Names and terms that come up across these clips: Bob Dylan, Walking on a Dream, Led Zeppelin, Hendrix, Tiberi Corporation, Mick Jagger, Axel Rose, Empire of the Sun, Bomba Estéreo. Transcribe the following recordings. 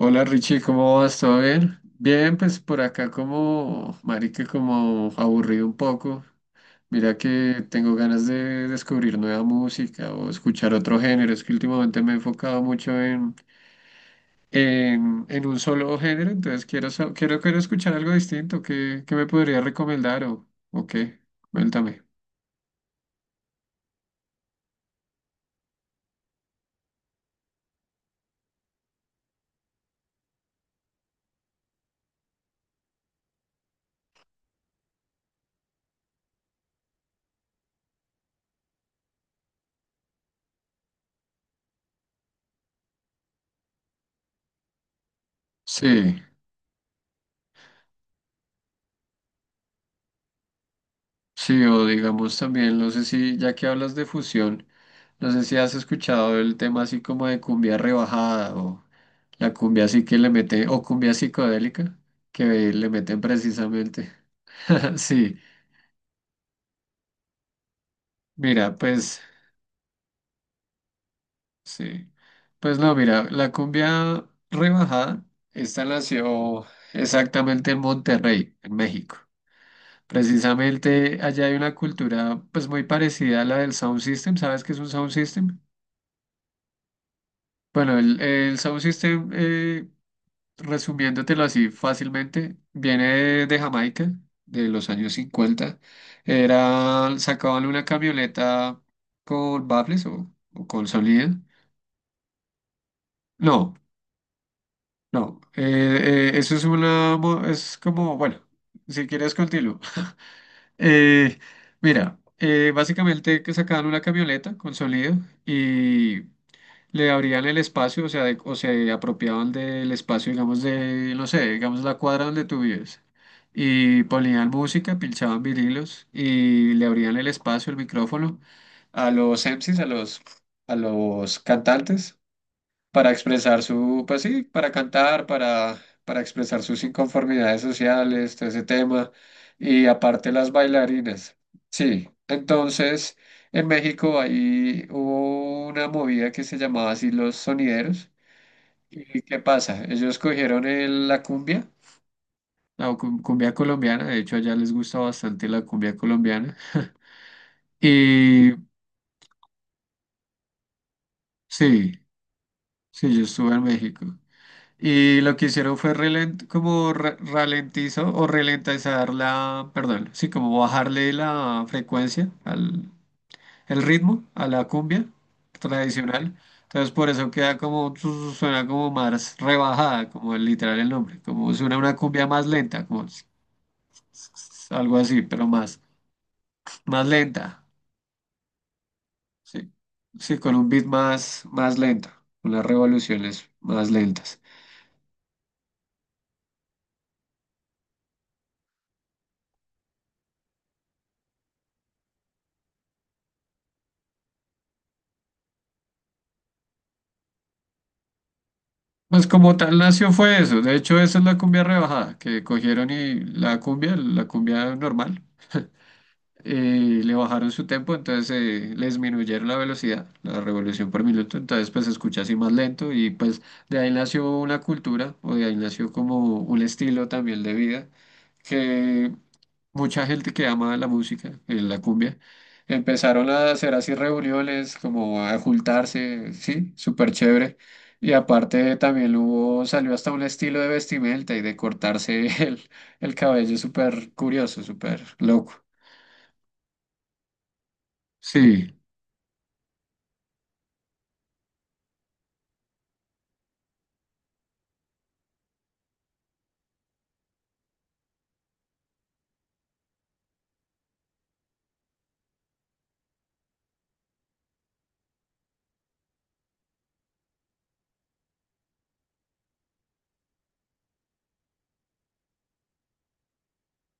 Hola Richie, ¿cómo vas? ¿Todo bien? Bien, pues por acá como, marica, como aburrido un poco. Mira que tengo ganas de descubrir nueva música o escuchar otro género. Es que últimamente me he enfocado mucho en un solo género, entonces quiero, quiero, quiero escuchar algo distinto. ¿Qué me podría recomendar o qué? Cuéntame. Sí. Sí, o digamos también, no sé si, ya que hablas de fusión, no sé si has escuchado el tema así como de cumbia rebajada o la cumbia así que le mete, o cumbia psicodélica que le meten precisamente. Sí, mira, pues, sí. Pues no, mira, la cumbia rebajada, esta nació exactamente en Monterrey, en México. Precisamente allá hay una cultura pues muy parecida a la del sound system. ¿Sabes qué es un sound system? Bueno, el Sound System, resumiéndotelo así fácilmente, viene de Jamaica, de los años 50. Era, sacaban una camioneta con baffles o con sonido. No, no, eso es una, es como, bueno, si quieres continúo. Eh, mira, básicamente que sacaban una camioneta con sonido le abrían el espacio, o sea, o se apropiaban del espacio, digamos, de, no sé, digamos la cuadra donde tú vives. Y ponían música, pinchaban vinilos y le abrían el espacio, el micrófono a los MCs, a los cantantes para expresar su, pues sí, para cantar, para expresar sus inconformidades sociales, todo ese tema, y aparte las bailarinas. Sí, entonces en México ahí hubo una movida que se llamaba así los sonideros. ¿Y qué pasa? Ellos cogieron la cumbia, cumbia colombiana, de hecho allá les gusta bastante la cumbia colombiana. Y sí, sí, yo estuve en México. Y lo que hicieron fue ralentizó o ralentizar la, perdón, sí, como bajarle la frecuencia al el ritmo a la cumbia tradicional. Entonces por eso queda como suena como más rebajada, como el literal el nombre, como suena una cumbia más lenta, algo así, pero más lenta. Sí. Sí, con un beat más lenta, unas revoluciones más lentas. Pues como tal nació fue eso. De hecho, esa es la cumbia rebajada, que cogieron y la cumbia normal, le bajaron su tempo, entonces le disminuyeron la velocidad, la revolución por minuto, entonces pues se escucha así más lento y pues de ahí nació una cultura o de ahí nació como un estilo también de vida. Que mucha gente que ama la música, la cumbia, empezaron a hacer así reuniones, como a juntarse, sí, súper chévere. Y aparte también hubo, salió hasta un estilo de vestimenta y de cortarse el cabello súper curioso, súper loco. Sí,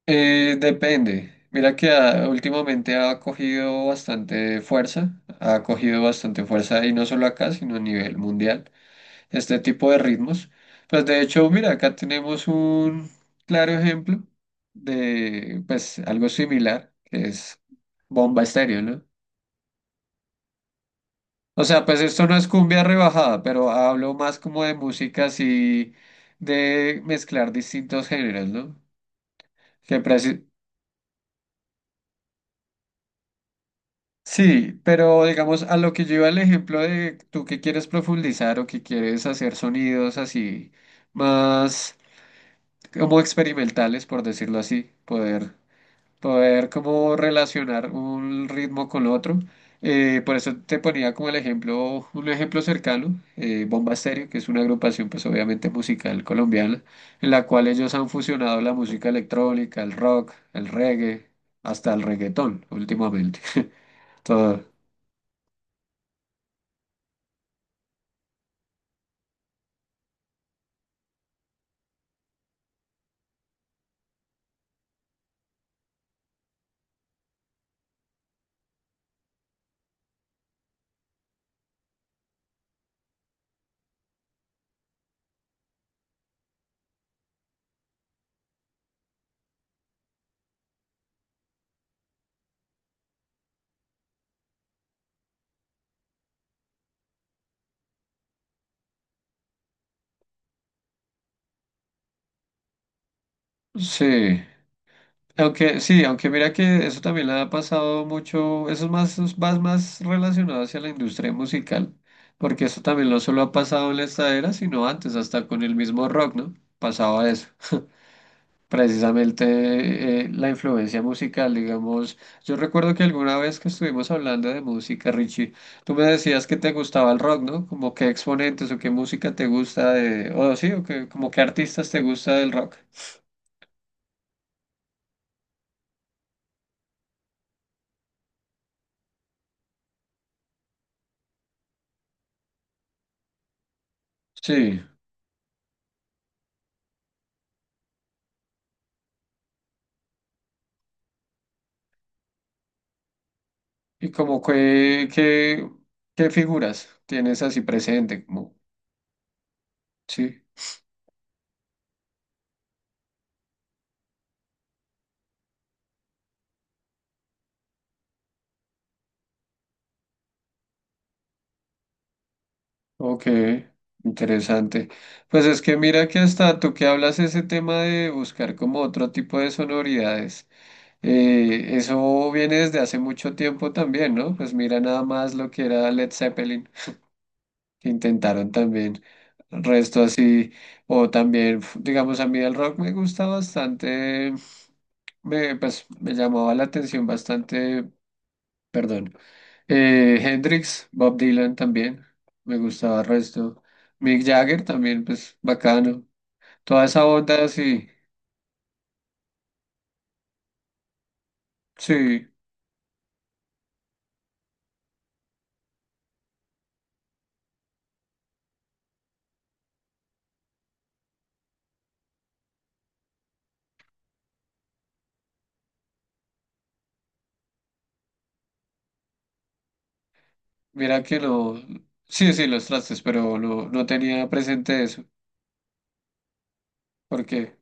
depende. Mira que ah, últimamente ha cogido bastante fuerza, ha cogido bastante fuerza y no solo acá, sino a nivel mundial. Este tipo de ritmos. Pues de hecho, mira, acá tenemos un claro ejemplo de pues algo similar, que es Bomba Estéreo, ¿no? O sea, pues esto no es cumbia rebajada, pero hablo más como de música así, de mezclar distintos géneros, ¿no? Que preci- Sí, pero digamos a lo que yo iba el ejemplo de tú que quieres profundizar o que quieres hacer sonidos así más como experimentales, por decirlo así, poder como relacionar un ritmo con otro. Por eso te ponía como el ejemplo, un ejemplo cercano, Bomba Estéreo, que es una agrupación pues obviamente musical colombiana, en la cual ellos han fusionado la música electrónica, el rock, el reggae, hasta el reggaetón últimamente. Todo. Sí. Aunque sí, aunque mira que eso también le ha pasado mucho, es más, relacionado hacia la industria musical, porque eso también no solo ha pasado en la estadera, sino antes, hasta con el mismo rock, ¿no? Pasaba eso. Precisamente la influencia musical, digamos. Yo recuerdo que alguna vez que estuvimos hablando de música, Richie, tú me decías que te gustaba el rock, ¿no? Como qué exponentes o qué música te gusta de, o sí, o que, como qué artistas te gusta del rock. Sí. ¿Y como qué figuras tienes así presente? Como, sí, ok, interesante. Pues es que mira que hasta tú que hablas ese tema de buscar como otro tipo de sonoridades, eso viene desde hace mucho tiempo también, ¿no? Pues mira nada más lo que era Led Zeppelin, que intentaron también, resto así, o también, digamos, a mí el rock me gusta bastante, me, pues me llamaba la atención bastante, perdón. Hendrix, Bob Dylan también, me gustaba el resto. Mick Jagger también, pues bacano. Toda esa onda, sí, sí, mira que no, sí, sí, los trastes, pero no, no tenía presente eso, porque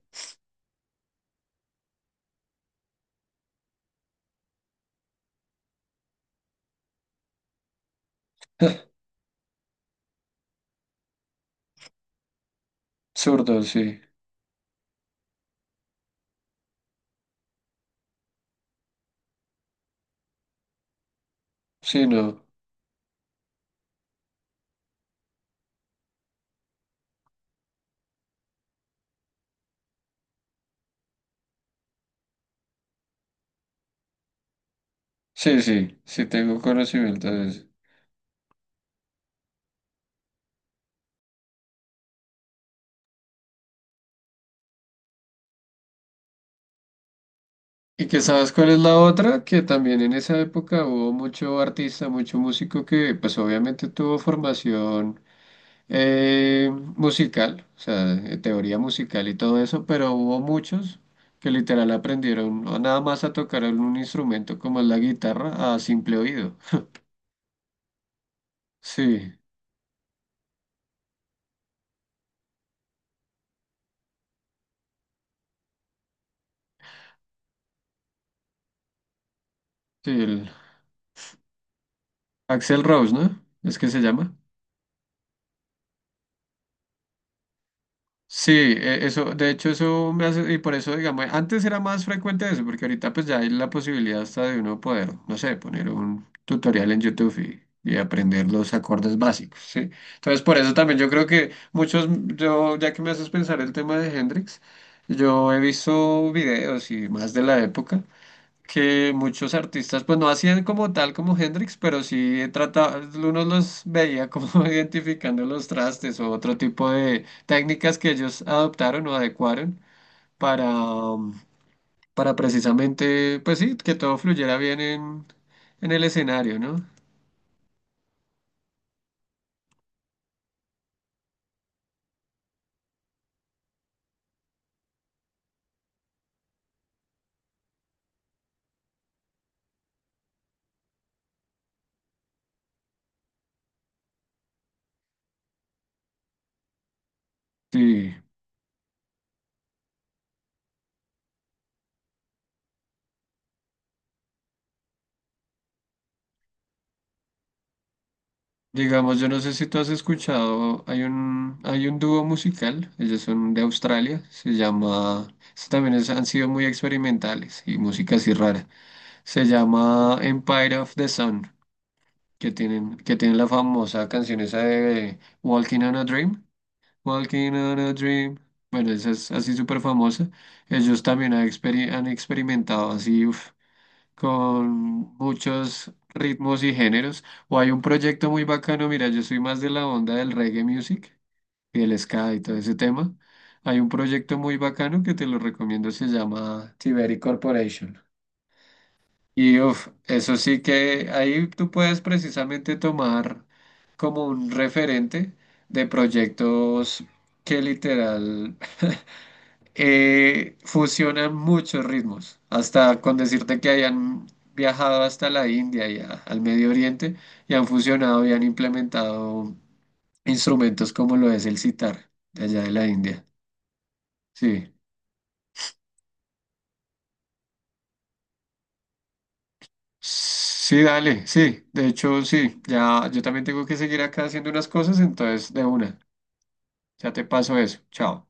zurdo, sí, sí, no, sí, sí, sí tengo conocimiento de eso. Y que sabes cuál es la otra, que también en esa época hubo mucho artista, mucho músico que pues obviamente tuvo formación eh, musical, o sea, teoría musical y todo eso, pero hubo muchos que literal aprendieron a nada más a tocar un instrumento como es la guitarra a simple oído. Sí, sí, el Axel Rose, ¿no? Es que se llama. Sí, eso, de hecho eso me hace, y por eso digamos, antes era más frecuente eso, porque ahorita pues ya hay la posibilidad hasta de uno poder, no sé, poner un tutorial en YouTube y aprender los acordes básicos, ¿sí? Entonces por eso también yo creo que muchos, yo, ya que me haces pensar el tema de Hendrix, yo he visto videos y más de la época, que muchos artistas, pues no hacían como tal como Hendrix, pero sí trataba, uno los veía como identificando los trastes o otro tipo de técnicas que ellos adoptaron o adecuaron para, para precisamente, pues sí, que todo fluyera bien en el escenario, ¿no? Sí. Digamos, yo no sé si tú has escuchado, hay un dúo musical, ellos son de Australia, se llama, han sido muy experimentales y música así rara. Se llama Empire of the Sun, que tienen la famosa canción esa de Walking on a Dream. Walking on a Dream. Bueno, esa es así súper famosa. Ellos también han, han experimentado así uf, con muchos ritmos y géneros. O hay un proyecto muy bacano, mira, yo soy más de la onda del reggae music y el ska y todo ese tema. Hay un proyecto muy bacano que te lo recomiendo, se llama Tiberi Corporation. Y uf, eso sí que ahí tú puedes precisamente tomar como un referente de proyectos que literal fusionan muchos ritmos, hasta con decirte que hayan viajado hasta la India y al Medio Oriente y han fusionado y han implementado instrumentos como lo es el sitar de allá de la India. Sí. Sí, dale, sí. De hecho, sí. Ya, yo también tengo que seguir acá haciendo unas cosas, entonces de una. Ya te paso eso. Chao.